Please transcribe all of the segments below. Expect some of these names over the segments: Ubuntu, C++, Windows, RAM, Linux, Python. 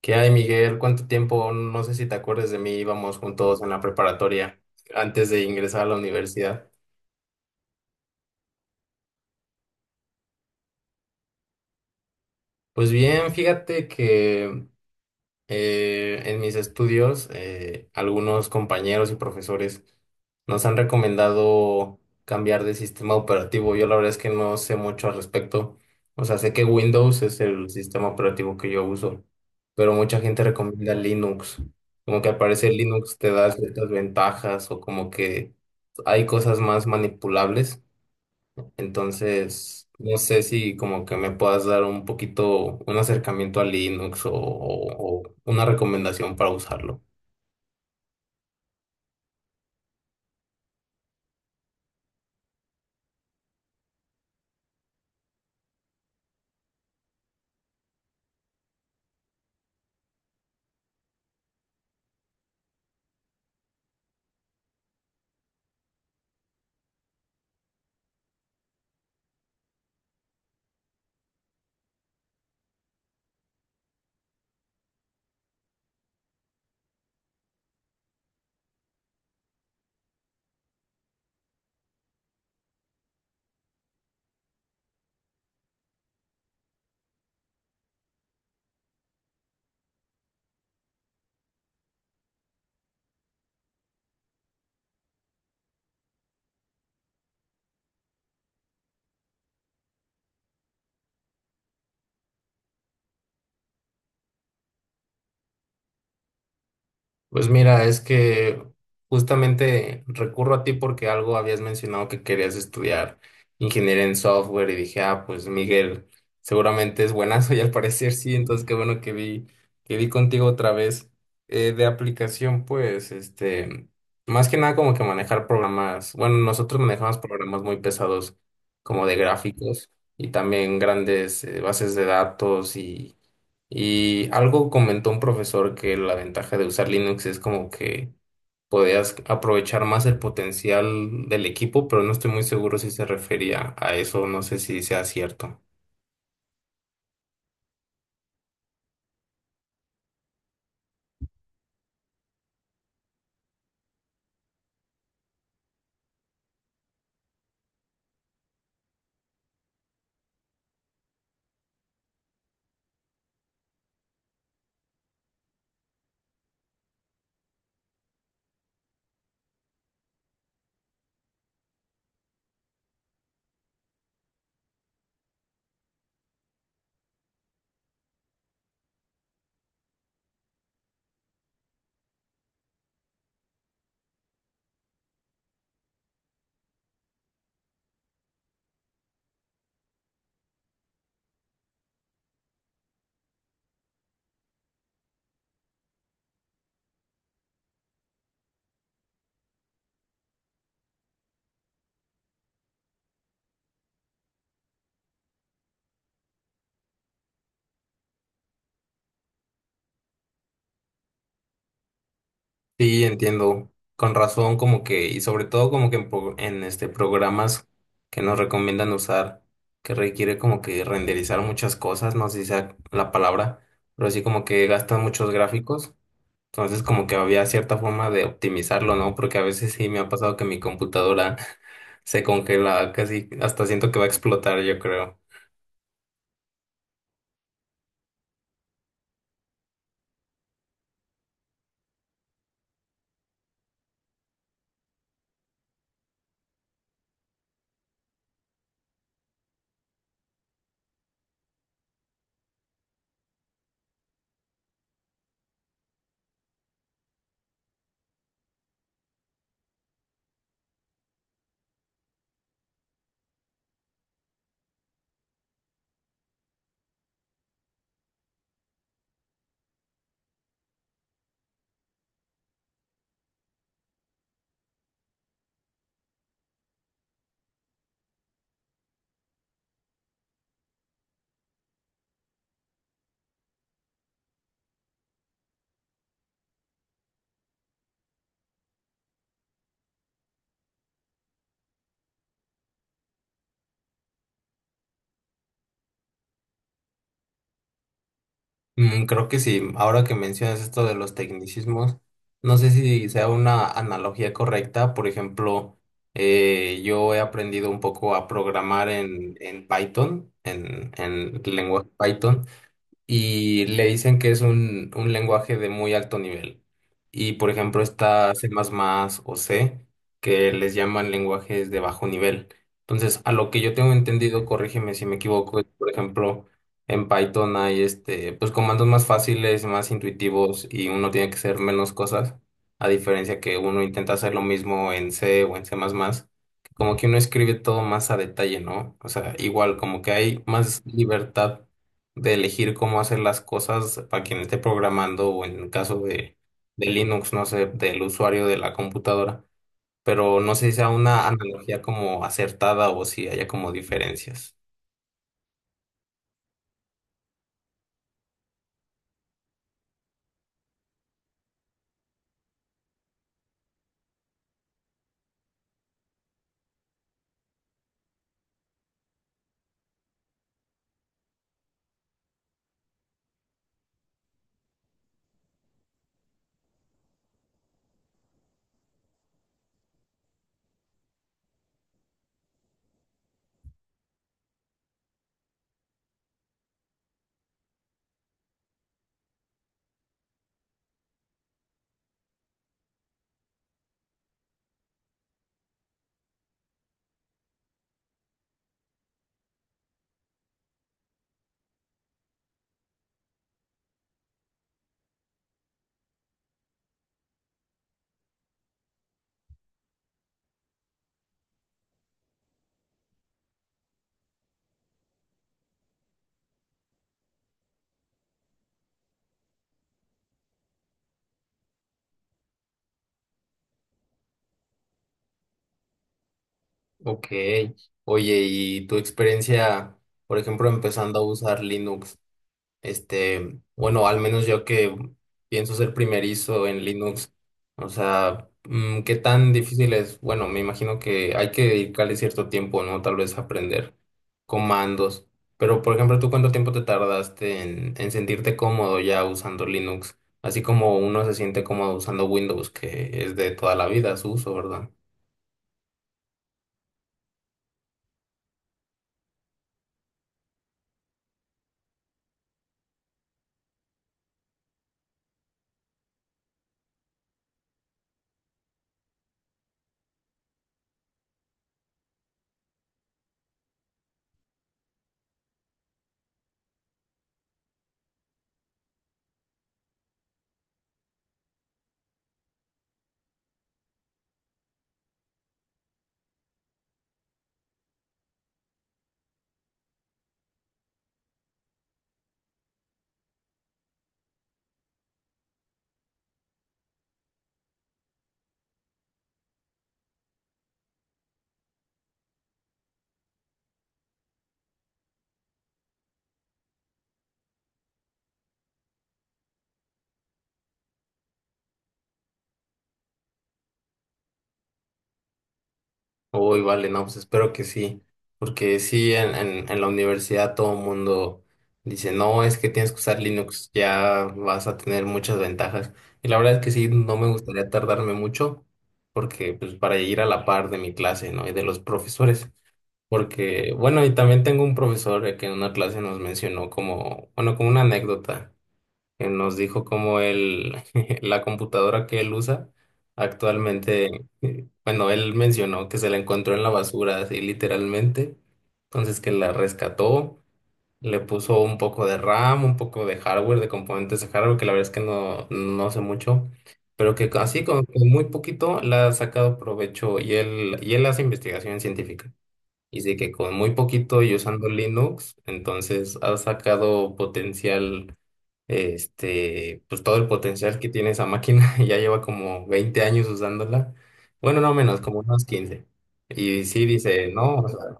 ¿Qué hay, Miguel? ¿Cuánto tiempo? No sé si te acuerdas de mí, íbamos juntos en la preparatoria antes de ingresar a la universidad. Pues bien, fíjate que en mis estudios, algunos compañeros y profesores nos han recomendado cambiar de sistema operativo. Yo la verdad es que no sé mucho al respecto. O sea, sé que Windows es el sistema operativo que yo uso, pero mucha gente recomienda Linux. Como que al parecer Linux te da ciertas ventajas o como que hay cosas más manipulables. Entonces, no sé si como que me puedas dar un poquito un acercamiento a Linux o una recomendación para usarlo. Pues mira, es que justamente recurro a ti porque algo habías mencionado que querías estudiar ingeniería en software y dije, ah, pues Miguel, seguramente es buenazo y al parecer sí, entonces qué bueno que vi contigo otra vez. De aplicación, pues, este, más que nada como que manejar programas, bueno, nosotros manejamos programas muy pesados como de gráficos y también grandes bases de datos y algo comentó un profesor que la ventaja de usar Linux es como que podías aprovechar más el potencial del equipo, pero no estoy muy seguro si se refería a eso, no sé si sea cierto. Sí, entiendo, con razón como que, y sobre todo como que en, pro- en, este programas que nos recomiendan usar, que requiere como que renderizar muchas cosas, no sé si sea la palabra, pero sí como que gastan muchos gráficos. Entonces, como que había cierta forma de optimizarlo, ¿no? Porque a veces sí me ha pasado que mi computadora se congela casi, hasta siento que va a explotar, yo creo. Mm, creo que sí, ahora que mencionas esto de los tecnicismos, no sé si sea una analogía correcta. Por ejemplo, yo he aprendido un poco a programar en Python, en el lenguaje Python. Y le dicen que es un lenguaje de muy alto nivel. Y por ejemplo está C++ o C, que les llaman lenguajes de bajo nivel. Entonces, a lo que yo tengo entendido, corrígeme si me equivoco, es, por ejemplo, en Python hay este, pues comandos más fáciles, más intuitivos y uno tiene que hacer menos cosas, a diferencia que uno intenta hacer lo mismo en C o en C++. Que Como que uno escribe todo más a detalle, ¿no? O sea, igual, como que hay más libertad de elegir cómo hacer las cosas para quien esté programando o en el caso de Linux, no sé, del usuario de la computadora. Pero no sé si sea una analogía como acertada o si haya como diferencias. Ok. Oye, ¿y tu experiencia, por ejemplo, empezando a usar Linux? Este, bueno, al menos yo que pienso ser primerizo en Linux, o sea, mm, ¿qué tan difícil es? Bueno, me imagino que hay que dedicarle cierto tiempo, ¿no? Tal vez aprender comandos. Pero, por ejemplo, ¿tú cuánto tiempo te tardaste en sentirte cómodo ya usando Linux? Así como uno se siente cómodo usando Windows, que es de toda la vida su uso, ¿verdad? Uy, vale, no, pues espero que sí, porque sí, en la universidad todo el mundo dice, no, es que tienes que usar Linux, ya vas a tener muchas ventajas. Y la verdad es que sí, no me gustaría tardarme mucho, porque pues para ir a la par de mi clase, ¿no? Y de los profesores, porque, bueno, y también tengo un profesor que en una clase nos mencionó como, bueno, como una anécdota que nos dijo cómo él, la computadora que él usa actualmente, bueno, él mencionó que se la encontró en la basura, así literalmente, entonces que la rescató, le puso un poco de RAM, un poco de hardware, de componentes de hardware, que la verdad es que no sé mucho, pero que así con muy poquito la ha sacado provecho y él hace investigación científica. Y sí que con muy poquito y usando Linux, entonces ha sacado potencial este, pues todo el potencial que tiene esa máquina, ya lleva como 20 años usándola, bueno, no menos, como unos 15. Y sí dice, no, o sea,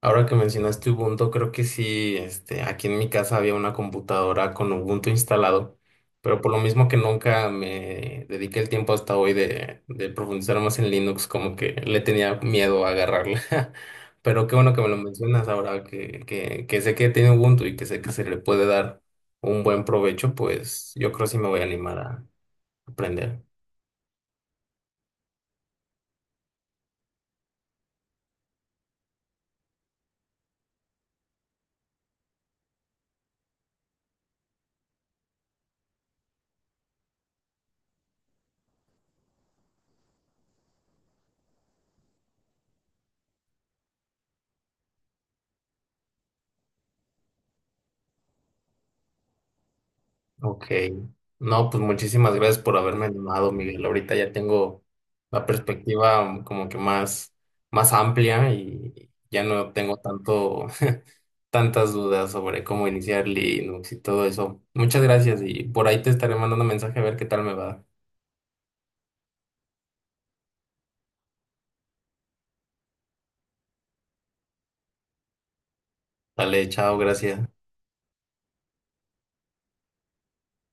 ahora que mencionaste Ubuntu, creo que sí, este, aquí en mi casa había una computadora con Ubuntu instalado, pero por lo mismo que nunca me dediqué el tiempo hasta hoy de profundizar más en Linux, como que le tenía miedo a agarrarla. Pero qué bueno que me lo mencionas ahora, que sé que tiene Ubuntu y que sé que se le puede dar un buen provecho, pues yo creo que sí me voy a animar a aprender. Ok. No, pues muchísimas gracias por haberme animado, Miguel. Ahorita ya tengo la perspectiva como que más, más amplia y ya no tengo tanto, tantas dudas sobre cómo iniciar Linux y todo eso. Muchas gracias y por ahí te estaré mandando mensaje a ver qué tal me va. Dale, chao, gracias.